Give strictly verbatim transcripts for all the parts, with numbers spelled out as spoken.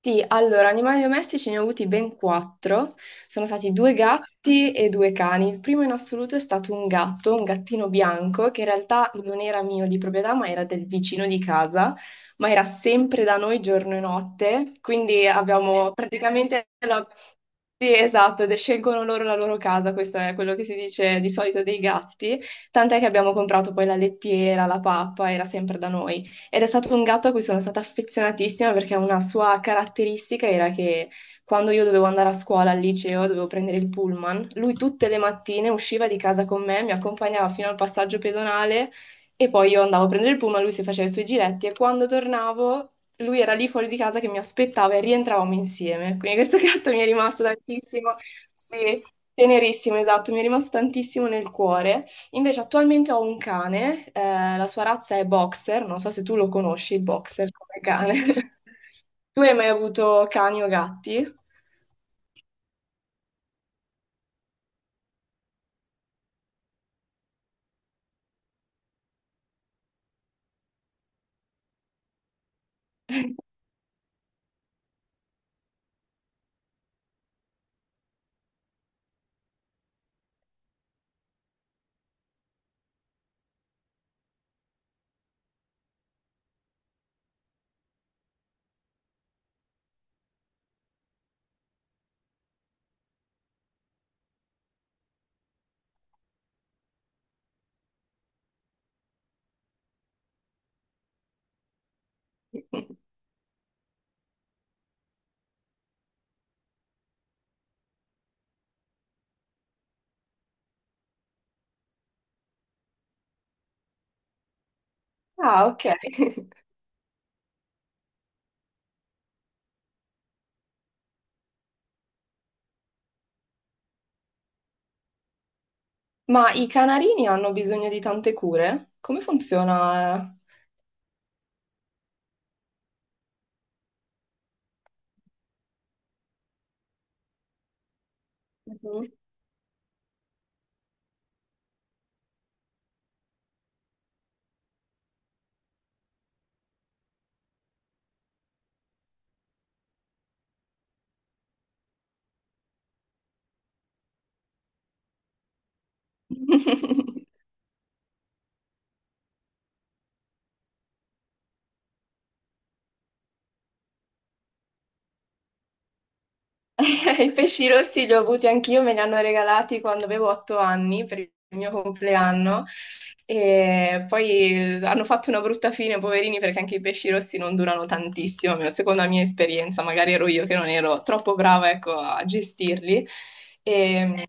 Sì, allora, animali domestici ne ho avuti ben quattro. Sono stati due gatti e due cani. Il primo in assoluto è stato un gatto, un gattino bianco, che in realtà non era mio di proprietà, ma era del vicino di casa, ma era sempre da noi giorno e notte. Quindi abbiamo praticamente sì, esatto, ed scelgono loro la loro casa, questo è quello che si dice di solito dei gatti, tant'è che abbiamo comprato poi la lettiera, la pappa, era sempre da noi. Ed è stato un gatto a cui sono stata affezionatissima perché una sua caratteristica era che quando io dovevo andare a scuola, al liceo, dovevo prendere il pullman, lui tutte le mattine usciva di casa con me, mi accompagnava fino al passaggio pedonale e poi io andavo a prendere il pullman, lui si faceva i suoi giretti e quando tornavo lui era lì fuori di casa che mi aspettava e rientravamo insieme. Quindi questo gatto mi è rimasto tantissimo, sì, tenerissimo, esatto, mi è rimasto tantissimo nel cuore. Invece attualmente ho un cane, eh, la sua razza è boxer, non so se tu lo conosci, il boxer come cane. Tu hai mai avuto cani o gatti? Ah, ok. Ma i canarini hanno bisogno di tante cure? Come funziona? Mhm. I pesci rossi li ho avuti anch'io, me li hanno regalati quando avevo otto anni per il mio compleanno e poi hanno fatto una brutta fine, poverini, perché anche i pesci rossi non durano tantissimo, almeno secondo la mia esperienza, magari ero io che non ero troppo brava, ecco, a gestirli. E,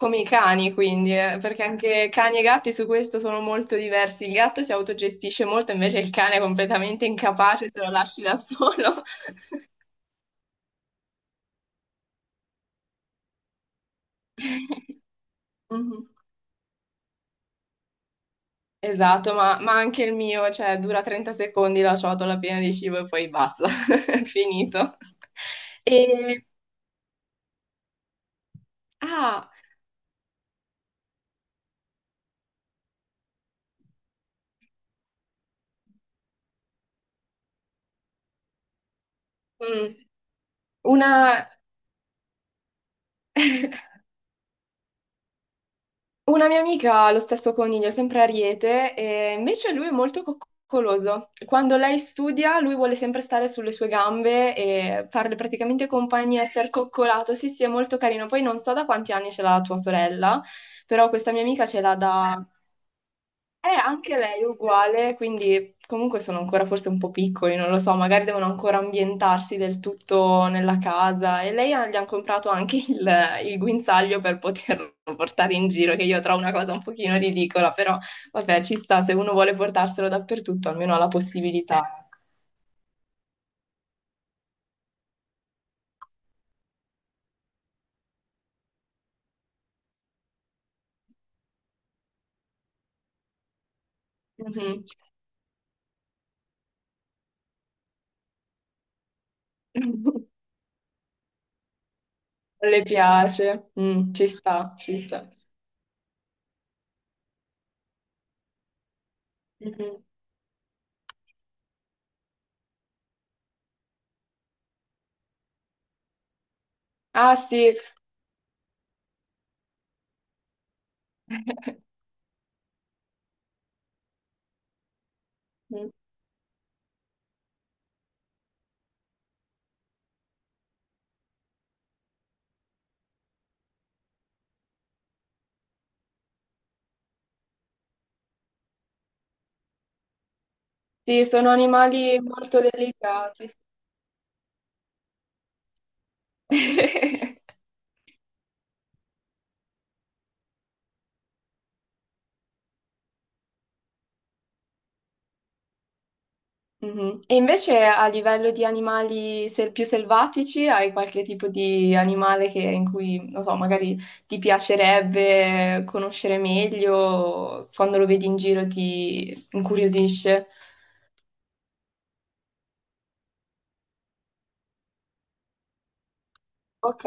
come i cani, quindi, eh, perché anche cani e gatti su questo sono molto diversi. Il gatto si autogestisce molto, invece il cane è completamente incapace se lo lasci da solo. Mhm. Esatto, ma, ma anche il mio, cioè, dura trenta secondi la ciotola piena di cibo e poi basta, è finito. E, ah, mm, una, una mia amica ha lo stesso coniglio, sempre Ariete, e invece lui è molto coccoloso. Quando lei studia, lui vuole sempre stare sulle sue gambe e farle praticamente compagnia, essere coccolato. Sì, sì, è molto carino. Poi non so da quanti anni ce l'ha tua sorella, però questa mia amica ce l'ha da... Eh, anche lei è uguale, quindi comunque sono ancora forse un po' piccoli, non lo so, magari devono ancora ambientarsi del tutto nella casa e lei ha- gli hanno comprato anche il, il guinzaglio per poterlo portare in giro, che io trovo una cosa un pochino ridicola, però vabbè, ci sta, se uno vuole portarselo dappertutto, almeno ha la eh, possibilità. Mhm. Non le piace. Mm, ci sta, ci sta. Mhm. Ah sì. Sì, sono animali molto delicati. Mhm. E invece a livello di animali sel- più selvatici, hai qualche tipo di animale che- in cui, non so, magari ti piacerebbe conoscere meglio, o quando lo vedi in giro ti incuriosisce? Ok.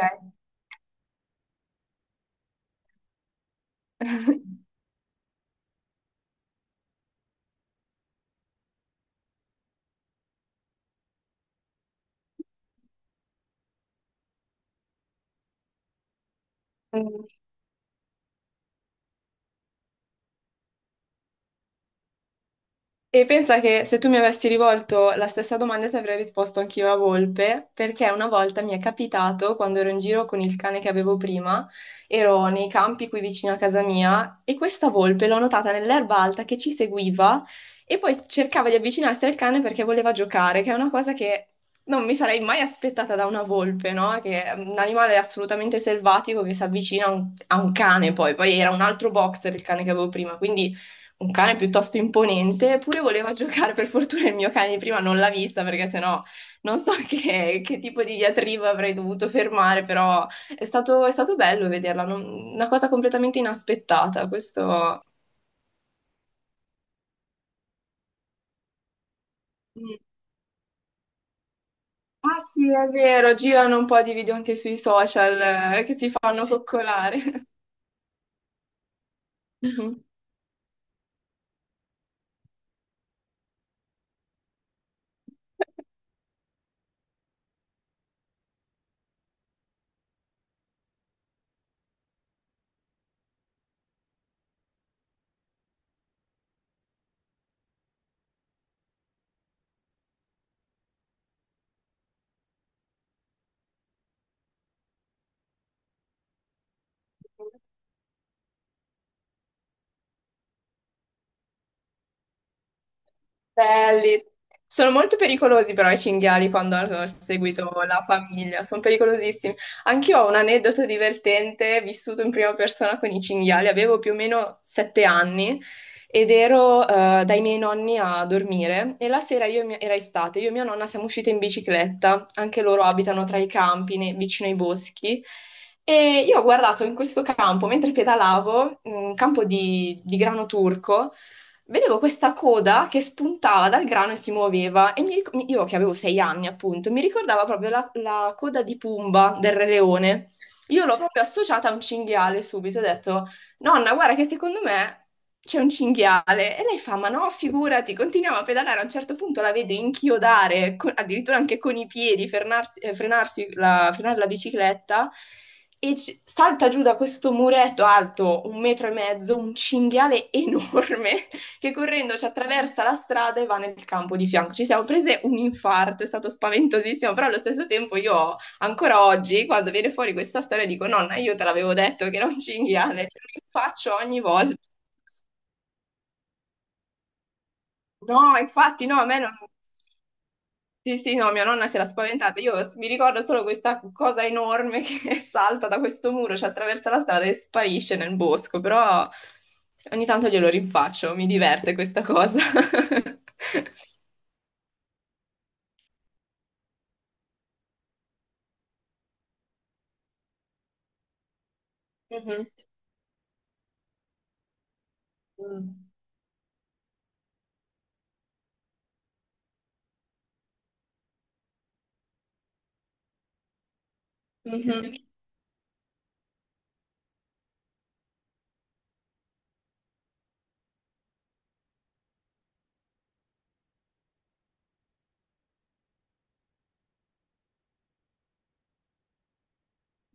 E pensa che se tu mi avessi rivolto la stessa domanda ti avrei risposto anch'io la volpe, perché una volta mi è capitato, quando ero in giro con il cane che avevo prima, ero nei campi qui vicino a casa mia e questa volpe l'ho notata nell'erba alta che ci seguiva e poi cercava di avvicinarsi al cane perché voleva giocare, che è una cosa che non mi sarei mai aspettata da una volpe, no? Che è un animale assolutamente selvatico che si avvicina a un, a un cane poi, poi era un altro boxer il cane che avevo prima, quindi un cane piuttosto imponente, eppure voleva giocare. Per fortuna il mio cane di prima non l'ha vista perché sennò non so che, che tipo di diatriba avrei dovuto fermare, però è stato, è stato bello vederla, non- una cosa completamente inaspettata. Questo... Mm. Ah sì, è vero, girano un po' di video anche sui social eh, che si fanno coccolare. Mhm. Belli. Sono molto pericolosi però i cinghiali quando hanno seguito la famiglia, sono pericolosissimi. Anch'io ho un aneddoto divertente, vissuto in prima persona con i cinghiali, avevo più o meno sette anni ed ero eh, dai miei nonni a dormire e la sera io e mia- era estate, io e mia nonna siamo uscite in bicicletta, anche loro abitano tra i campi, ne- vicino ai boschi. E io ho guardato in questo campo, mentre pedalavo, un campo di di grano turco, vedevo questa coda che spuntava dal grano e si muoveva e mi ric- mi- io che avevo sei anni appunto, mi ricordava proprio la, la coda di Pumba del Re Leone. Io l'ho proprio associata a un cinghiale subito, ho detto, nonna, guarda che secondo me c'è un cinghiale. E lei fa, ma no, figurati, continuiamo a pedalare, a un certo punto la vedo inchiodare, co- addirittura anche con i piedi, frenarsi, eh, frenarsi la, frenare la bicicletta e ci- salta giù da questo muretto alto un metro e mezzo, un cinghiale enorme che correndo ci attraversa la strada e va nel campo di fianco. Ci siamo prese un infarto, è stato spaventosissimo, però allo stesso tempo io ancora oggi, quando viene fuori questa storia, dico nonna, io te l'avevo detto che era un cinghiale, lo faccio ogni volta. No, infatti no, a me non... Sì, sì, no, mia nonna si era spaventata. Io s- mi ricordo solo questa cosa enorme che salta da questo muro, ci attraversa la strada e sparisce nel bosco, però ogni tanto glielo rinfaccio, mi diverte questa cosa. Mhm. Mm. Mhm.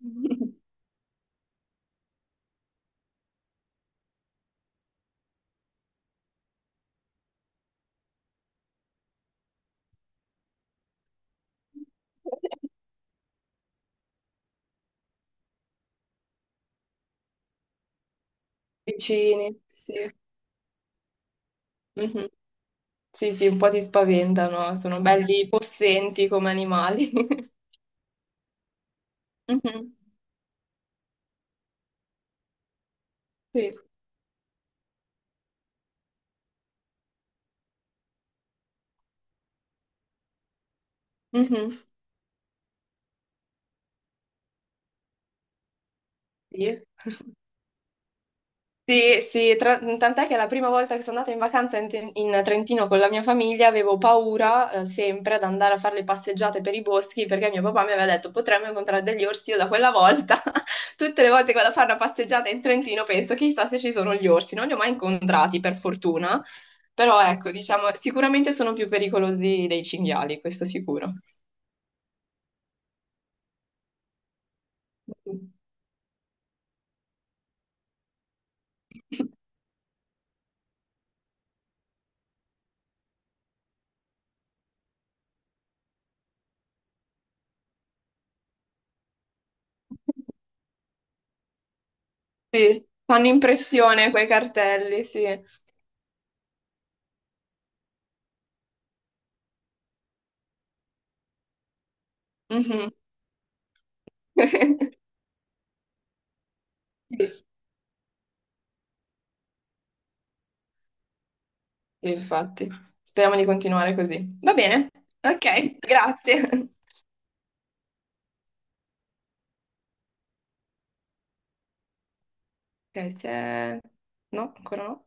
Vicini, sì. Mhm. Sì, sì, un po' ti spaventano, sono belli possenti come animali. Mhm. Sì. Mhm. Sì. Sì, sì, tra- tant'è che la prima volta che sono andata in vacanza in, Ten- in Trentino con la mia famiglia avevo paura, eh, sempre ad andare a fare le passeggiate per i boschi perché mio papà mi aveva detto potremmo incontrare degli orsi. Io da quella volta, tutte le volte che vado a fare una passeggiata in Trentino, penso chissà se ci sono gli orsi. Non li ho mai incontrati, per fortuna, però ecco, diciamo, sicuramente sono più pericolosi dei cinghiali, questo sicuro. Sì, fanno impressione quei cartelli, sì. Mhm. Sì. Infatti, speriamo di continuare così. Va bene? Ok, grazie. Ok, se... No, ancora no.